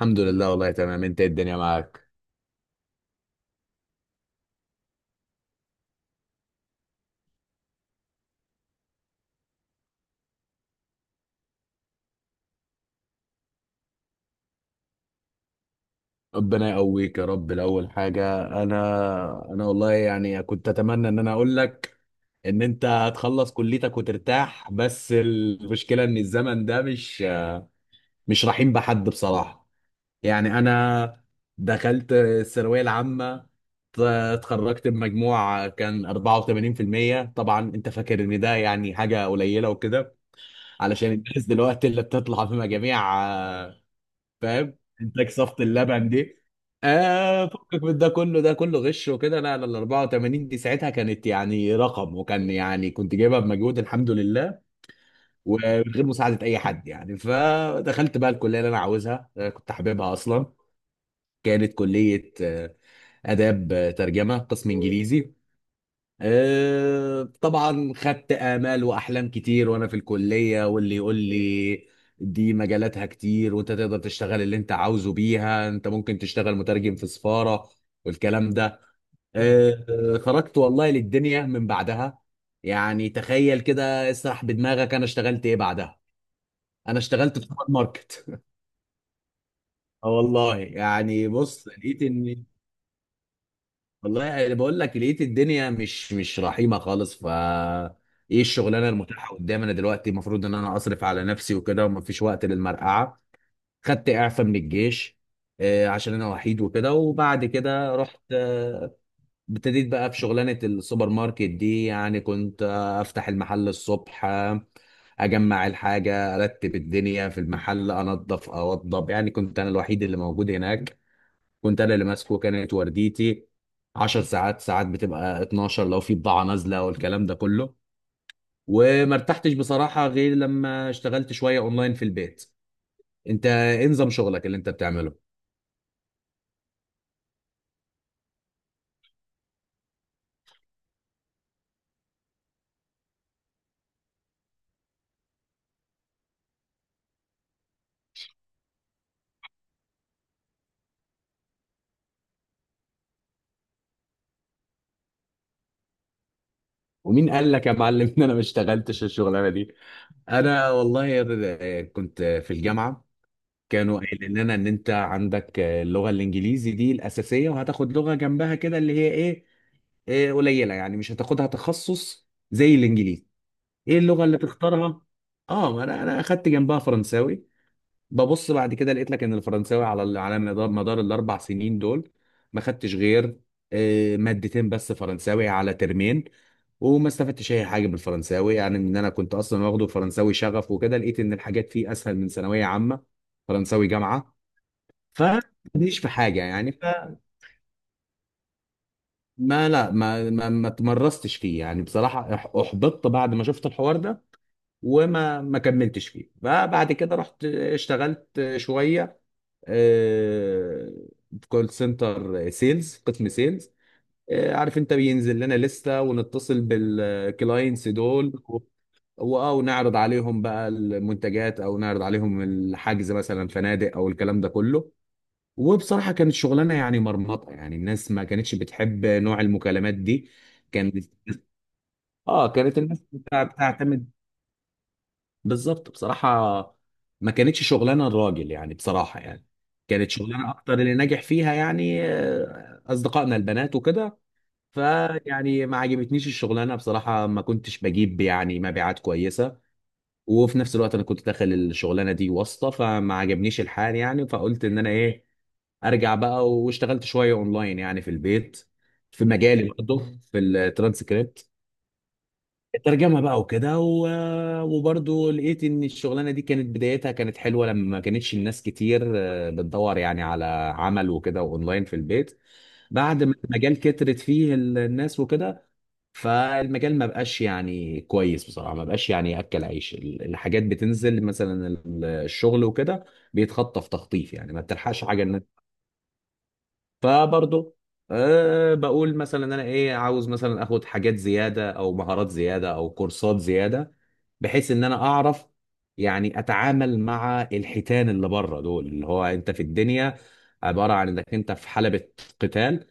الحمد لله والله تمام، انت ايه الدنيا معاك؟ ربنا يقويك يا رب. الاول حاجه، انا والله يعني كنت اتمنى ان انا اقول لك ان انت هتخلص كليتك وترتاح، بس المشكله ان الزمن ده مش رحيم بحد بصراحه. يعني انا دخلت الثانويه العامه، اتخرجت بمجموع كان 84%. طبعا انت فاكر ان ده يعني حاجه قليله وكده، علشان الناس دلوقتي اللي بتطلع بمجاميع، فاهم، انتاج صفة اللبن دي. آه، فكك من ده كله، ده كله غش وكده. لا لا، ال 84 دي ساعتها كانت يعني رقم، وكان يعني كنت جايبها بمجهود الحمد لله، ومن غير مساعدة أي حد يعني. فدخلت بقى الكلية اللي أنا عاوزها، كنت حاببها أصلا. كانت كلية آداب، ترجمة قسم إنجليزي. طبعا خدت آمال وأحلام كتير وأنا في الكلية، واللي يقول لي دي مجالاتها كتير، وأنت تقدر تشتغل اللي أنت عاوزه بيها، أنت ممكن تشتغل مترجم في سفارة والكلام ده. مم. آه، خرجت والله للدنيا من بعدها. يعني تخيل كده، اسرح بدماغك أنا اشتغلت إيه بعدها. أنا اشتغلت في سوبر ماركت آه والله يعني، بص لقيت إن... والله انا بقول لك لقيت الدنيا مش رحيمه خالص. ف ايه الشغلانه المتاحه قدامي انا دلوقتي؟ المفروض ان انا اصرف على نفسي وكده، ومفيش وقت للمرقعه. خدت اعفاء من الجيش عشان انا وحيد وكده. وبعد كده رحت ابتديت بقى في شغلانه السوبر ماركت دي. يعني كنت افتح المحل الصبح، اجمع الحاجه، ارتب الدنيا في المحل، انظف اوضب. يعني كنت انا الوحيد اللي موجود هناك، كنت انا اللي ماسكه. كانت ورديتي 10 ساعات، ساعات بتبقى 12 لو في بضاعه نازله والكلام ده كله. وما ارتحتش بصراحه غير لما اشتغلت شويه اونلاين في البيت. انت ايه نظام شغلك اللي انت بتعمله؟ ومين قال لك يا معلم ان انا ما اشتغلتش الشغلانه دي؟ انا والله كنت في الجامعه كانوا قايلين لنا ان انت عندك اللغه الانجليزي دي الاساسيه، وهتاخد لغه جنبها كده اللي هي ايه، إيه قليله، يعني مش هتاخدها تخصص زي الانجليزي. ايه اللغه اللي تختارها. اه ما انا اخدت جنبها فرنساوي. ببص بعد كده لقيت لك ان الفرنساوي على على مدار الاربع سنين دول ما خدتش غير مادتين بس فرنساوي على ترمين. وما استفدتش اي حاجه من الفرنساوي. يعني ان انا كنت اصلا واخده فرنساوي شغف وكده. لقيت ان الحاجات فيه اسهل من ثانويه عامه، فرنساوي جامعه. فمش في حاجه يعني فما... لا ما تمرستش فيه يعني بصراحه. احبطت بعد ما شفت الحوار ده، وما ما كملتش فيه. فبعد كده رحت اشتغلت شويه آه، في كول سنتر سيلز قسم سيلز. عارف انت بينزل لنا لسته ونتصل بالكلاينتس دول و- ونعرض عليهم بقى المنتجات او نعرض عليهم الحجز مثلا فنادق او الكلام ده كله. وبصراحه كانت شغلانه يعني مرمطه. يعني الناس ما كانتش بتحب نوع المكالمات دي. كان اه كانت الناس بتعتمد. بالظبط بصراحة، ما كانتش شغلانة الراجل يعني بصراحة يعني. كانت شغلانة أكتر اللي ناجح فيها يعني أصدقائنا البنات وكده. فيعني ما عجبتنيش الشغلانة بصراحة، ما كنتش بجيب يعني مبيعات كويسة. وفي نفس الوقت أنا كنت داخل الشغلانة دي واسطة، فما عجبنيش الحال يعني. فقلت إن أنا إيه، أرجع بقى واشتغلت شوية أونلاين يعني في البيت، في مجالي برضه في الترانسكريبت الترجمه بقى وكده و... وبرضه لقيت ان الشغلانه دي كانت بدايتها كانت حلوه لما ما كانتش الناس كتير بتدور يعني على عمل وكده اونلاين في البيت. بعد ما المجال كترت فيه الناس وكده، فالمجال ما بقاش يعني كويس بصراحه. ما بقاش يعني ياكل عيش، الحاجات بتنزل مثلا، الشغل وكده بيتخطف تخطيف. يعني ما بتلحقش حاجه. فبرضه أه بقول مثلا انا ايه، عاوز مثلا اخد حاجات زياده او مهارات زياده او كورسات زياده، بحيث ان انا اعرف يعني اتعامل مع الحيتان اللي بره دول. اللي هو انت في الدنيا عباره عن انك انت في حلبة قتال،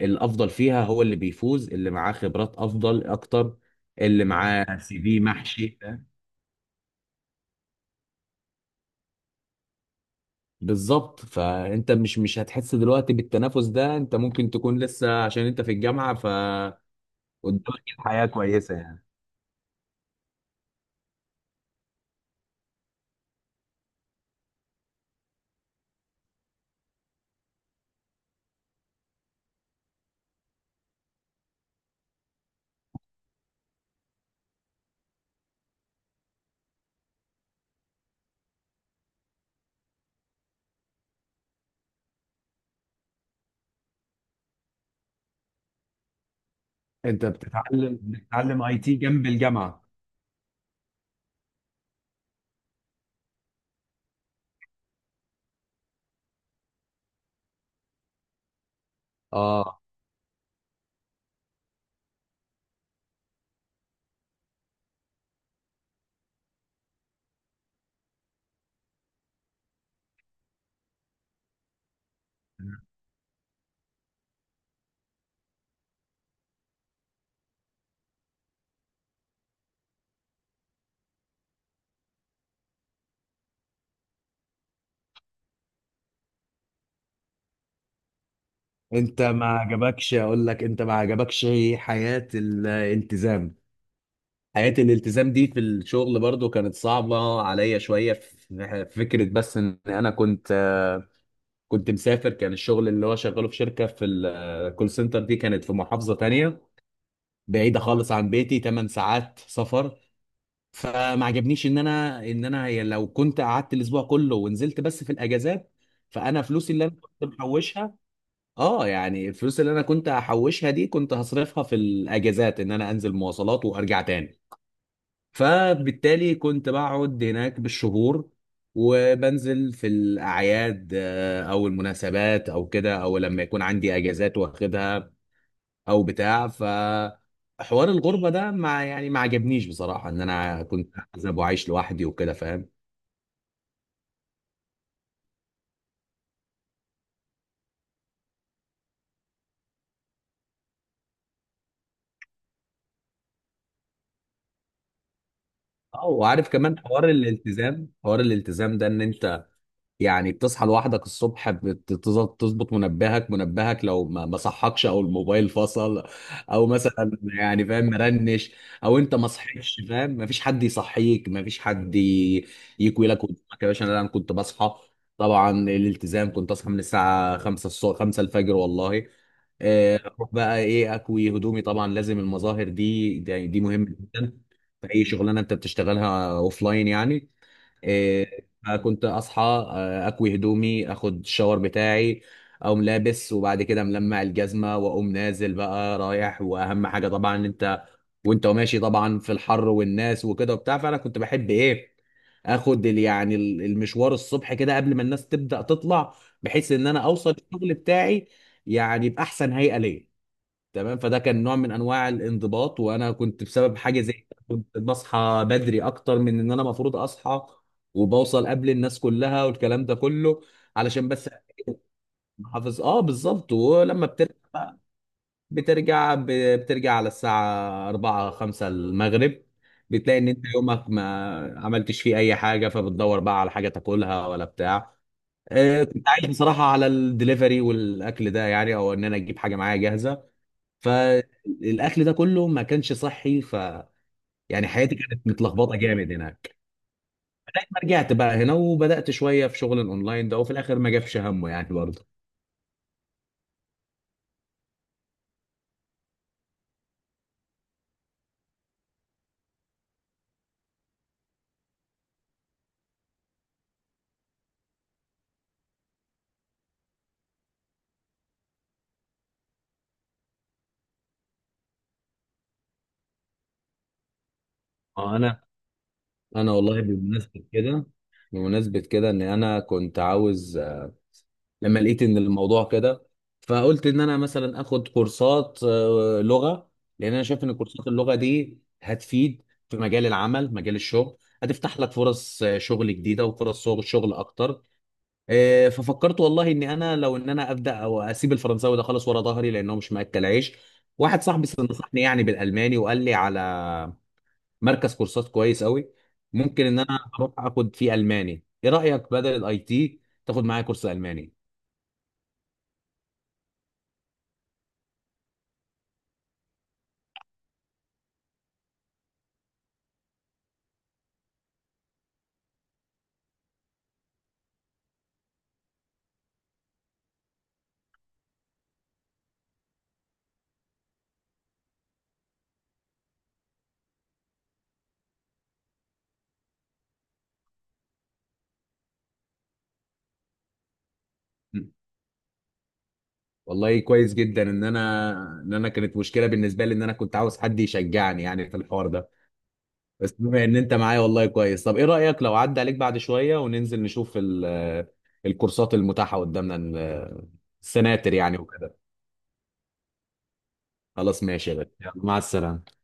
الافضل فيها هو اللي بيفوز، اللي معاه خبرات افضل اكتر، اللي اه معاه سي في محشي. بالظبط. فانت مش هتحس دلوقتي بالتنافس ده، انت ممكن تكون لسه عشان انت في الجامعه، والدنيا الحياة كويسة يعني. انت بتتعلم اي تي جنب الجامعه؟ اه، انت ما عجبكش اقول لك، انت ما عجبكش حياه الالتزام. حياة الالتزام دي في الشغل برضو كانت صعبة عليا شوية في في فكرة. بس ان انا كنت كنت مسافر. كان الشغل اللي هو شغاله في شركة في الكول سنتر دي كانت في محافظة تانية بعيدة اه خالص عن بيتي، 8 ساعات سفر. فما عجبنيش ان انا ان انا لو كنت قعدت الاسبوع كله ونزلت بس في الاجازات، فانا فلوسي اللي انا كنت محوشها... اه يعني الفلوس اللي انا كنت هحوشها دي كنت هصرفها في الاجازات، ان انا انزل مواصلات وارجع تاني. فبالتالي كنت بقعد هناك بالشهور وبنزل في الاعياد او المناسبات او كده، او لما يكون عندي اجازات واخدها او بتاع. ف حوار الغربه ده ما يعني ما عجبنيش بصراحه. ان انا كنت احزب وعايش لوحدي وكده، فاهم. اه، وعارف كمان حوار الالتزام، حوار الالتزام ده ان انت يعني بتصحى لوحدك الصبح، تظبط منبهك، لو ما صحكش او الموبايل فصل او مثلا يعني فاهم مرنش، او انت ما صحيتش فاهم، ما فيش حد يصحيك، ما فيش حد ي- يكوي لك قدامك يا باشا. انا كنت بصحى طبعا الالتزام. كنت اصحى من الساعه 5 الصبح، 5 الفجر والله. اروح بقى ايه، اكوي هدومي، طبعا لازم المظاهر دي، يعني دي مهمه جدا في اي شغلانه انت بتشتغلها اوف لاين يعني. آه، فكنت اصحى اكوي هدومي، اخد الشاور بتاعي، اقوم لابس، وبعد كده ملمع الجزمه، واقوم نازل بقى رايح. واهم حاجه طبعا إن انت وانت ماشي طبعا في الحر والناس وكده وبتاع، فانا كنت بحب ايه، اخد يعني المشوار الصبح كده قبل ما الناس تبدا تطلع، بحيث ان انا اوصل الشغل بتاعي يعني باحسن هيئه ليا. تمام، فده كان نوع من انواع الانضباط. وانا كنت بسبب حاجه زي كده كنت بصحى بدري اكتر من ان انا المفروض اصحى، وبوصل قبل الناس كلها والكلام ده كله، علشان بس حافظ. اه بالظبط، ولما بترجع بقى- بترجع ب- بترجع على الساعه 4 5 المغرب، بتلاقي ان انت يومك ما عملتش فيه اي حاجه، فبتدور بقى على حاجه تاكلها ولا بتاع. كنت عايش بصراحه على الدليفري والاكل ده يعني، او ان انا اجيب حاجه معايا جاهزه. فالاكل ده كله ما كانش صحي، ف يعني حياتي كانت متلخبطه جامد هناك. لغايه ما رجعت بقى هنا وبدات شويه في شغل الاونلاين ده، وفي الاخر ما جابش همه يعني برضه. اه، انا والله بمناسبه كده، ان انا كنت عاوز لما لقيت ان الموضوع كده، فقلت ان انا مثلا اخد كورسات لغه. لان انا شايف ان كورسات اللغه دي هتفيد في مجال العمل مجال الشغل، هتفتح لك فرص شغل جديده، وفرص شغل اكتر. ففكرت والله ان انا لو ان انا ابدا او اسيب الفرنساوي ده خالص ورا ظهري لانه مش مأكل عيش. واحد صاحبي نصحني يعني بالالماني، وقال لي على مركز كورسات كويس قوي. ممكن ان انا اروح اخد فيه الماني، ايه رايك بدل الاي تي، تاخد معايا كورس الماني؟ م. والله كويس جدا ان انا، ان انا كانت مشكله بالنسبه لي ان انا كنت عاوز حد يشجعني يعني في الحوار ده. بس بما ان انت معايا والله كويس. طب ايه رأيك لو عدى عليك بعد شوية وننزل نشوف الكورسات المتاحة قدامنا، السناتر يعني وكده. خلاص ماشي يا غالي، يلا، مع السلامة.